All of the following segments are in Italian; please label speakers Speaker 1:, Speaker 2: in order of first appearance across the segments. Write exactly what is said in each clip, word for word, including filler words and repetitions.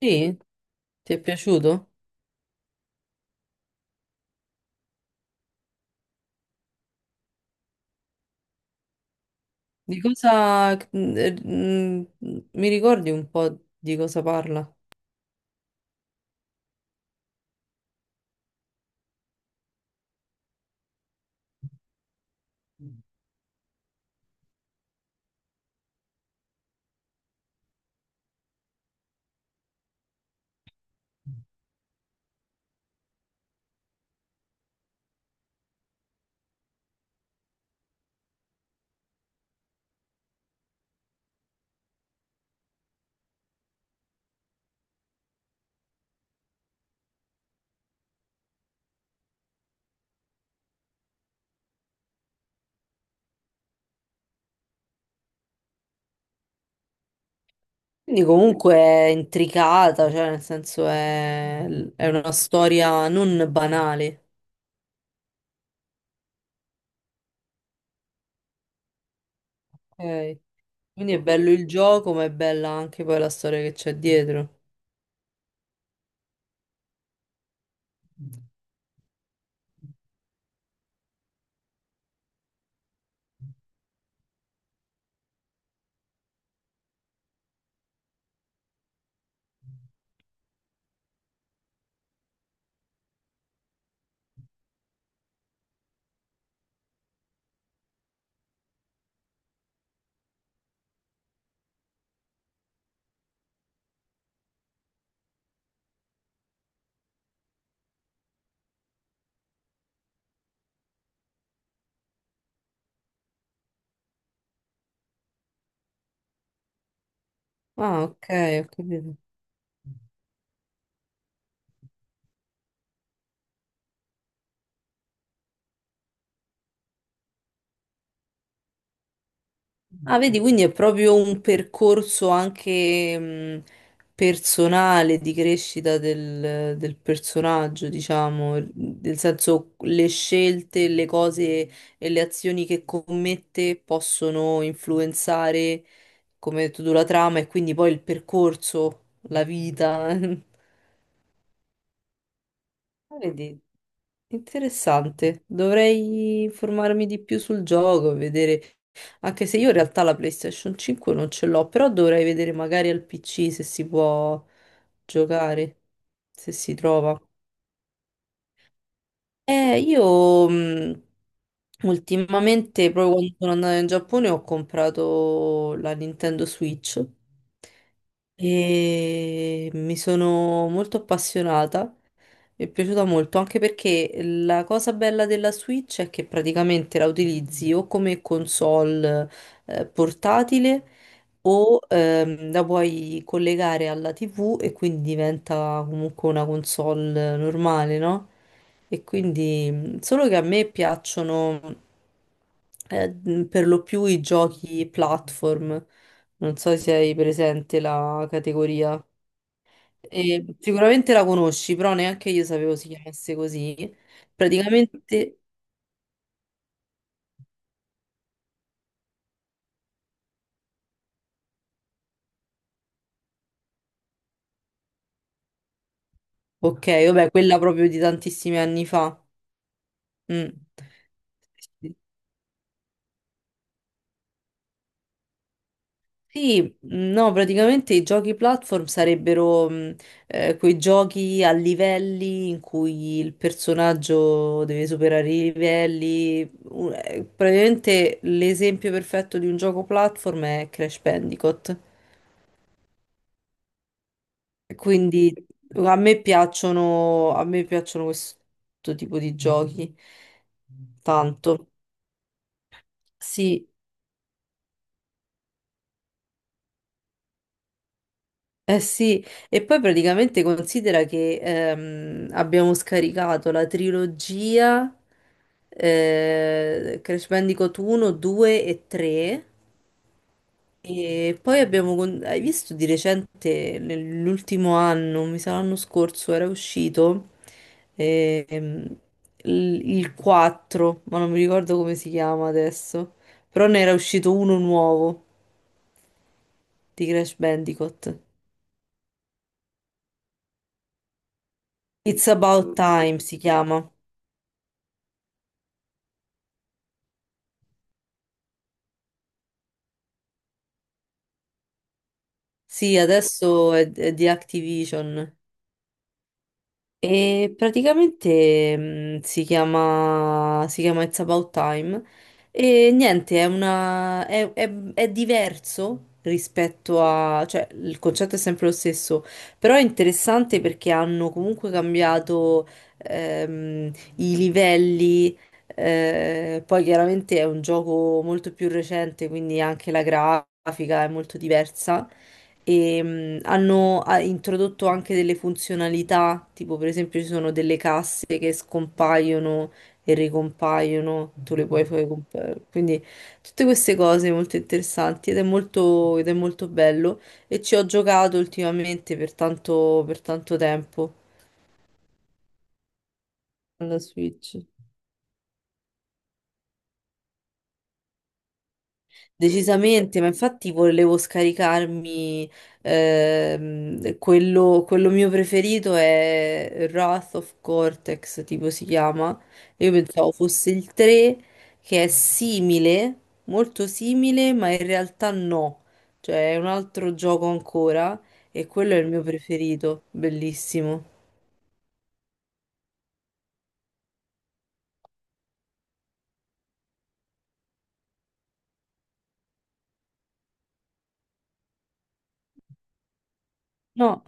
Speaker 1: Sì, ti è piaciuto? Di cosa... mm, er, mm, mi ricordi un po' di cosa parla? Quindi comunque è intricata, cioè nel senso è, è una storia non banale. Ok. Quindi è bello il gioco, ma è bella anche poi la storia che c'è dietro. Ah, ok, ho capito. Ah, vedi, quindi è proprio un percorso anche mh, personale di crescita del, del personaggio, diciamo, nel senso le scelte, le cose e le azioni che commette possono influenzare, come hai detto tu, la trama e quindi poi il percorso, la vita. Ah, vedi, interessante. Dovrei informarmi di più sul gioco, vedere. Anche se io in realtà la PlayStation cinque non ce l'ho, però dovrei vedere magari al P C se si può giocare, se si trova. Eh, io mh, ultimamente, proprio quando sono andata in Giappone, ho comprato la Nintendo Switch e mi sono molto appassionata, mi è piaciuta molto, anche perché la cosa bella della Switch è che praticamente la utilizzi o come console eh, portatile o ehm, la puoi collegare alla T V e quindi diventa comunque una console normale, no? E quindi mhmm, solo che a me piacciono eh, per lo più i giochi platform. Non so se hai presente la categoria. E sicuramente la conosci, però neanche io sapevo si chiamasse così. Praticamente, ok, vabbè, quella proprio di tantissimi anni fa. Mm. Sì, sì. Sì, no, praticamente i giochi platform sarebbero mh, eh, quei giochi a livelli in cui il personaggio deve superare i livelli. U- eh, praticamente l'esempio perfetto di un gioco platform è Crash Bandicoot. Quindi a me piacciono, a me piacciono questo tipo di giochi tanto. Sì, eh sì, e poi praticamente considera che ehm, abbiamo scaricato la trilogia, eh, Crash Bandicoot uno, due e tre, e poi abbiamo... con- Hai visto di recente, nell'ultimo anno, mi sa l'anno scorso, era uscito ehm, il, il quattro, ma non mi ricordo come si chiama adesso, però ne era uscito uno nuovo di Crash Bandicoot. It's About Time si chiama. Sì, adesso è, è di Activision e praticamente mh, si chiama, si chiama It's About Time e niente, è una, è, è- è diverso rispetto a, cioè il concetto è sempre lo stesso, però è interessante perché hanno comunque cambiato ehm, i livelli, eh, poi chiaramente è un gioco molto più recente, quindi anche la grafica è molto diversa e mh, hanno ha introdotto anche delle funzionalità, tipo per esempio ci sono delle casse che scompaiono e ricompaiono, tu le puoi fare compa- quindi tutte queste cose molto interessanti ed è molto, ed è molto bello e ci ho giocato ultimamente per tanto, per tanto tempo alla Switch. Decisamente, ma infatti volevo scaricarmi ehm, quello, quello mio preferito è Wrath of Cortex, tipo si chiama. Io pensavo fosse il tre, che è simile, molto simile, ma in realtà no. Cioè è un altro gioco ancora e quello è il mio preferito, bellissimo. No,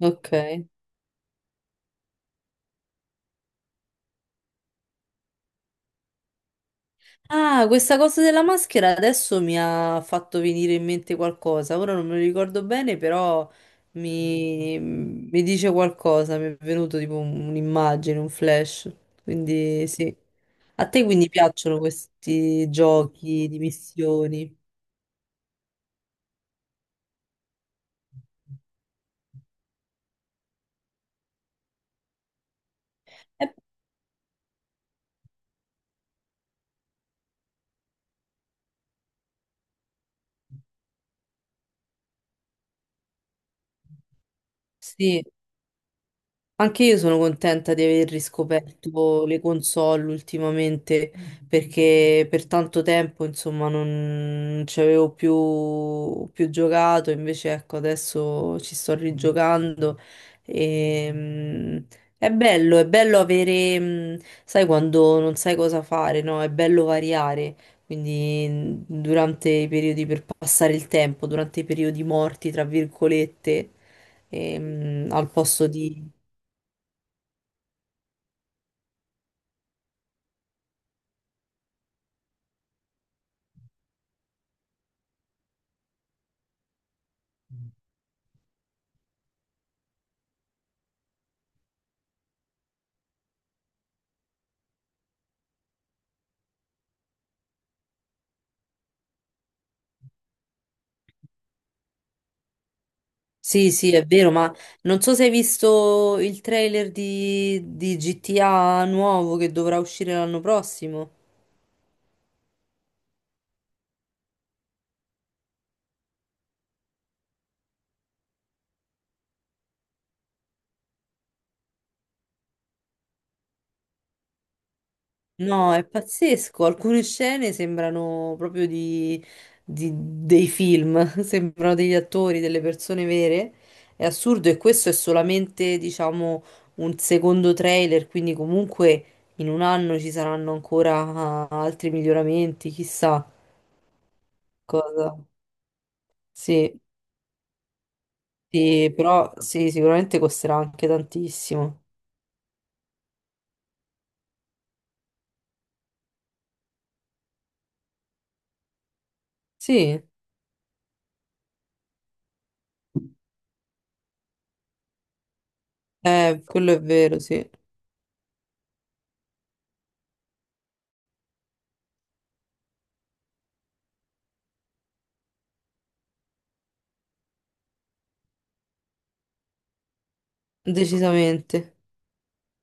Speaker 1: ok. Ah, questa cosa della maschera adesso mi ha fatto venire in mente qualcosa. Ora non me lo ricordo bene, però mi, mi dice qualcosa. Mi è venuto tipo un- un'immagine, un flash. Quindi sì. A te quindi piacciono questi giochi di missioni? Eh, sì. Anche io sono contenta di aver riscoperto le console ultimamente perché per tanto tempo insomma non ci avevo più, più giocato, invece ecco adesso ci sto rigiocando e mm, è bello, è bello avere, mm, Sai quando non sai cosa fare, no? È bello variare, quindi mm, durante i periodi per passare il tempo, durante i periodi morti, tra virgolette, ehm, al posto di... Sì, sì, è vero, ma non so se hai visto il trailer di, di G T A nuovo che dovrà uscire l'anno prossimo. No, è pazzesco. Alcune scene sembrano proprio di, di- dei film, sembrano degli attori, delle persone vere. È assurdo e questo è solamente, diciamo, un secondo trailer, quindi comunque in un anno ci saranno ancora altri miglioramenti, chissà cosa. Sì. Sì, però sì, sicuramente costerà anche tantissimo. Sì, eh, quello è vero, sì, decisamente.